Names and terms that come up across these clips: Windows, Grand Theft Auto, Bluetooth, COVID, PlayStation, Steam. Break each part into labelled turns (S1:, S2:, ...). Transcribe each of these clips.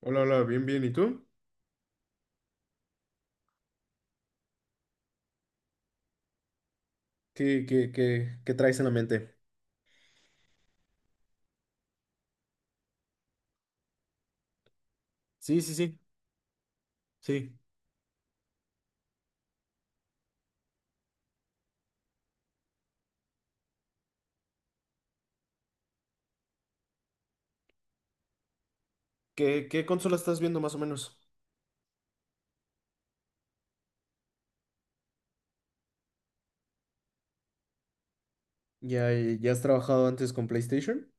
S1: Hola, hola, bien, bien. ¿Y tú? ¿Qué traes en la mente? Sí, sí, sí, sí. ¿Qué consola estás viendo más o menos? ¿Ya has trabajado antes con PlayStation?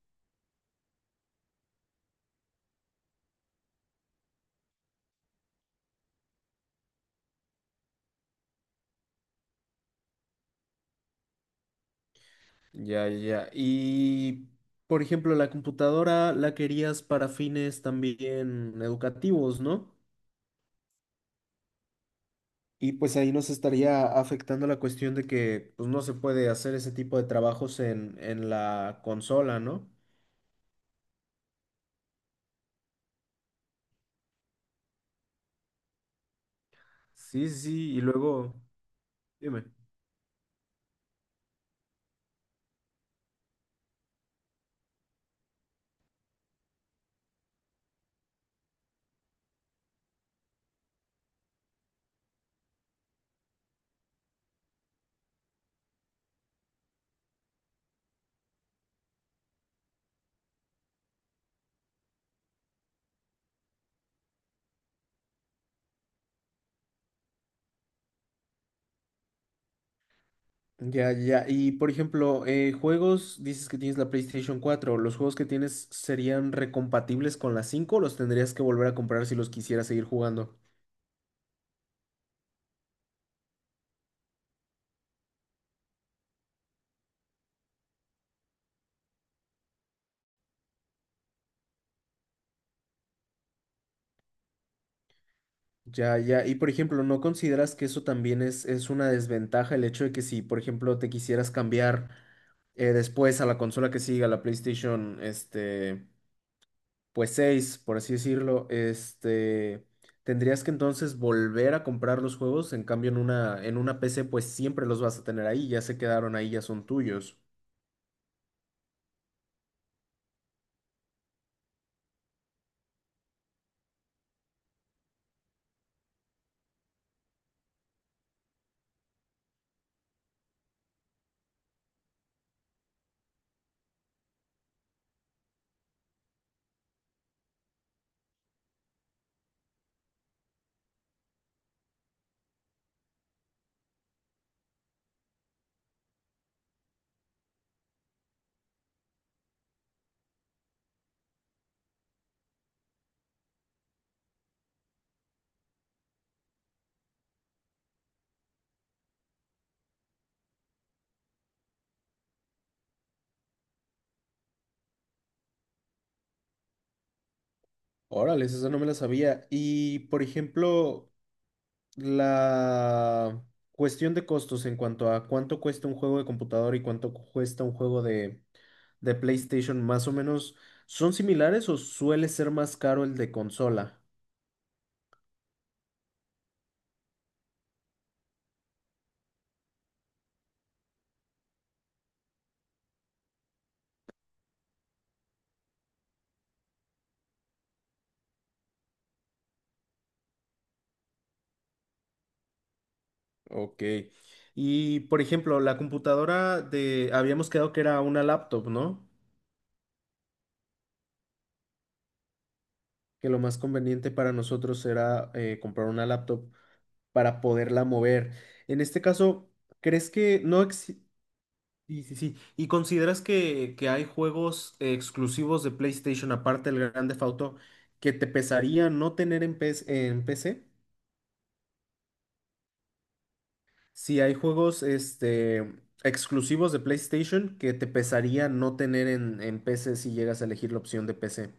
S1: Ya, ya. Ya. Y, por ejemplo, la computadora la querías para fines también educativos, ¿no? Y pues ahí nos estaría afectando la cuestión de que pues no se puede hacer ese tipo de trabajos en la consola, ¿no? Sí, sí, sí, y luego, dime. Ya, ya. Y por ejemplo, juegos, dices que tienes la PlayStation 4. ¿Los juegos que tienes serían recompatibles con la 5 o los tendrías que volver a comprar si los quisieras seguir jugando? Ya, ya. Y por ejemplo, ¿no consideras que eso también es una desventaja el hecho de que si, por ejemplo, te quisieras cambiar después a la consola que siga, la PlayStation, este, pues 6, por así decirlo, este, tendrías que entonces volver a comprar los juegos, en cambio en una PC pues siempre los vas a tener ahí, ya se quedaron ahí, ya son tuyos. Órale, esa no me la sabía. Y por ejemplo, la cuestión de costos en cuanto a cuánto cuesta un juego de computador y cuánto cuesta un juego de PlayStation, más o menos, ¿son similares o suele ser más caro el de consola? Ok. Y por ejemplo, la computadora habíamos quedado que era una laptop, ¿no? Que lo más conveniente para nosotros era comprar una laptop para poderla mover. En este caso, ¿crees que no exi-? Sí, sí, sí. ¿Y consideras que hay juegos exclusivos de PlayStation, aparte del Grand Theft Auto, que te pesaría no tener PS en PC? ¿Si hay juegos este, exclusivos de PlayStation que te pesaría no tener en PC si llegas a elegir la opción de PC?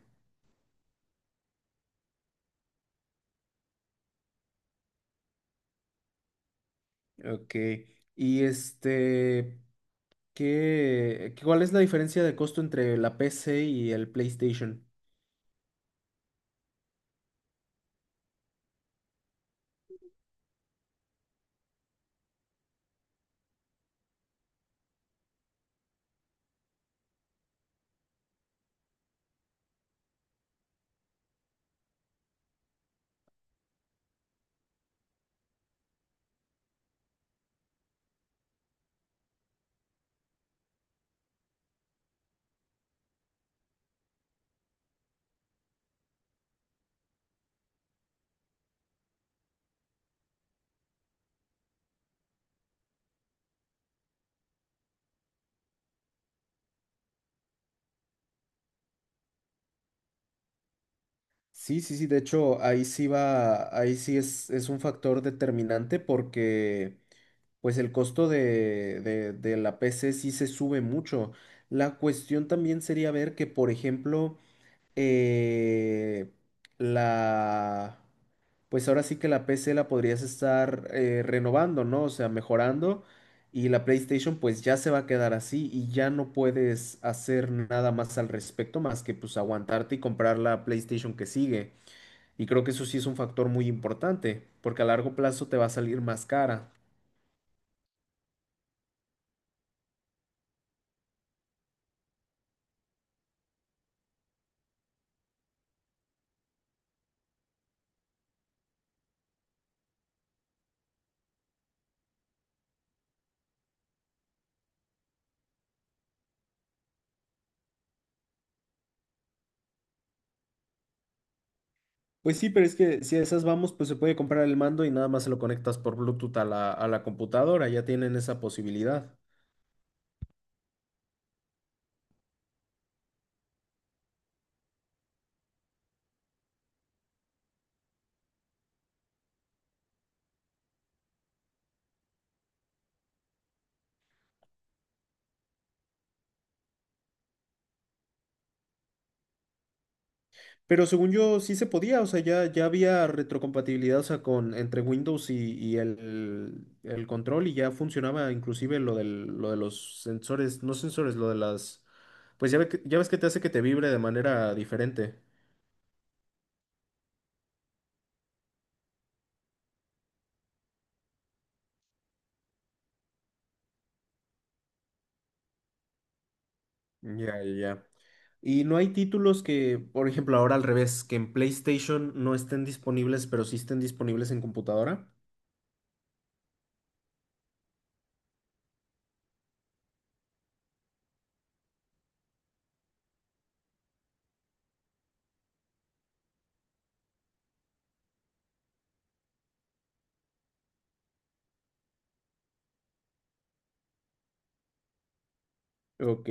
S1: Ok. Y este, ¿qué, cuál es la diferencia de costo entre la PC y el PlayStation? Sí, sí, sí, de hecho, ahí sí va, ahí sí es un factor determinante porque pues el costo de la PC sí se sube mucho. La cuestión también sería ver que, por ejemplo, eh, la, pues ahora sí que la PC la podrías estar renovando, ¿no? O sea, mejorando. Y la PlayStation pues ya se va a quedar así y ya no puedes hacer nada más al respecto más que pues aguantarte y comprar la PlayStation que sigue. Y creo que eso sí es un factor muy importante, porque a largo plazo te va a salir más cara. Pues sí, pero es que si a esas vamos, pues se puede comprar el mando y nada más se lo conectas por Bluetooth a la computadora, ya tienen esa posibilidad. Pero según yo sí se podía, o sea, ya había retrocompatibilidad, o sea, con, entre Windows y el control y ya funcionaba inclusive lo de los sensores, no sensores, lo de las. Pues ya, ya ves que te hace que te vibre de manera diferente. Ya, ya, ya. Y no hay títulos que, por ejemplo, ahora al revés, que en PlayStation no estén disponibles, pero sí estén disponibles en computadora. Ok.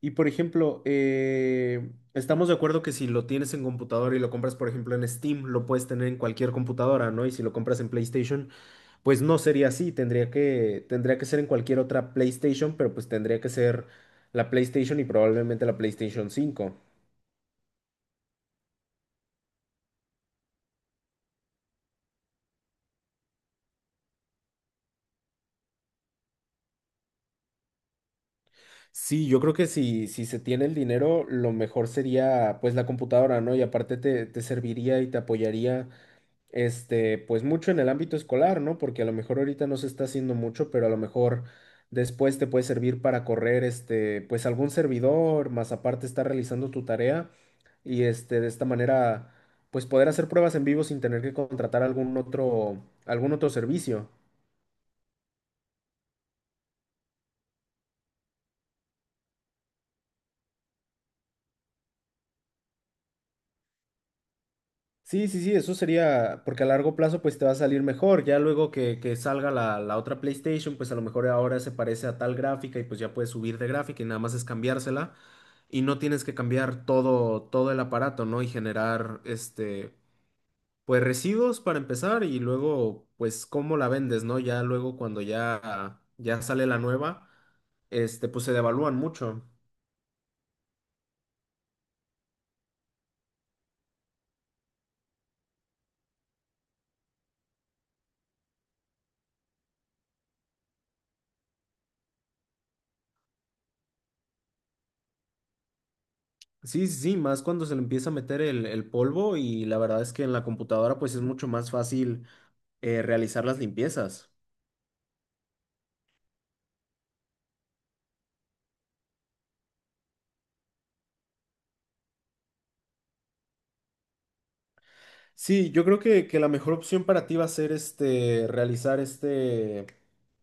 S1: Y por ejemplo, estamos de acuerdo que si lo tienes en computadora y lo compras, por ejemplo, en Steam, lo puedes tener en cualquier computadora, ¿no? Y si lo compras en PlayStation, pues no sería así. Tendría que ser en cualquier otra PlayStation, pero pues tendría que ser la PlayStation y probablemente la PlayStation 5. Sí, yo creo que si se tiene el dinero, lo mejor sería pues la computadora, ¿no? Y aparte te serviría y te apoyaría este, pues mucho en el ámbito escolar, ¿no? Porque a lo mejor ahorita no se está haciendo mucho, pero a lo mejor después te puede servir para correr este, pues algún servidor, más aparte estar realizando tu tarea y este, de esta manera pues poder hacer pruebas en vivo sin tener que contratar algún otro servicio. Sí, sí, sí, eso sería, porque a largo plazo pues te va a salir mejor, ya luego que salga la otra PlayStation, pues a lo mejor ahora se parece a tal gráfica y pues ya puedes subir de gráfica y nada más es cambiársela y no tienes que cambiar todo, todo el aparato, ¿no? Y generar, este, pues residuos para empezar y luego pues cómo la vendes, ¿no? Ya luego cuando ya sale la nueva, este, pues se devalúan mucho. Sí, sí, sí, más cuando se le empieza a meter el polvo y la verdad es que en la computadora pues es mucho más fácil realizar las limpiezas. Sí, yo creo que la mejor opción para ti va a ser este, realizar este,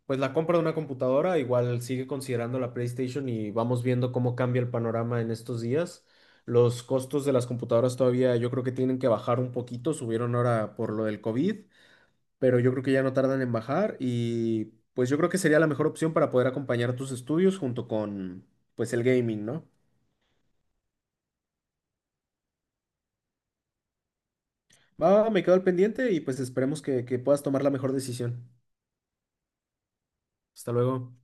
S1: pues la compra de una computadora. Igual sigue considerando la PlayStation y vamos viendo cómo cambia el panorama en estos días. Los costos de las computadoras todavía yo creo que tienen que bajar un poquito, subieron ahora por lo del COVID, pero yo creo que ya no tardan en bajar y pues yo creo que sería la mejor opción para poder acompañar tus estudios junto con pues el gaming, ¿no? Va, me quedo al pendiente y pues esperemos que puedas tomar la mejor decisión. Hasta luego.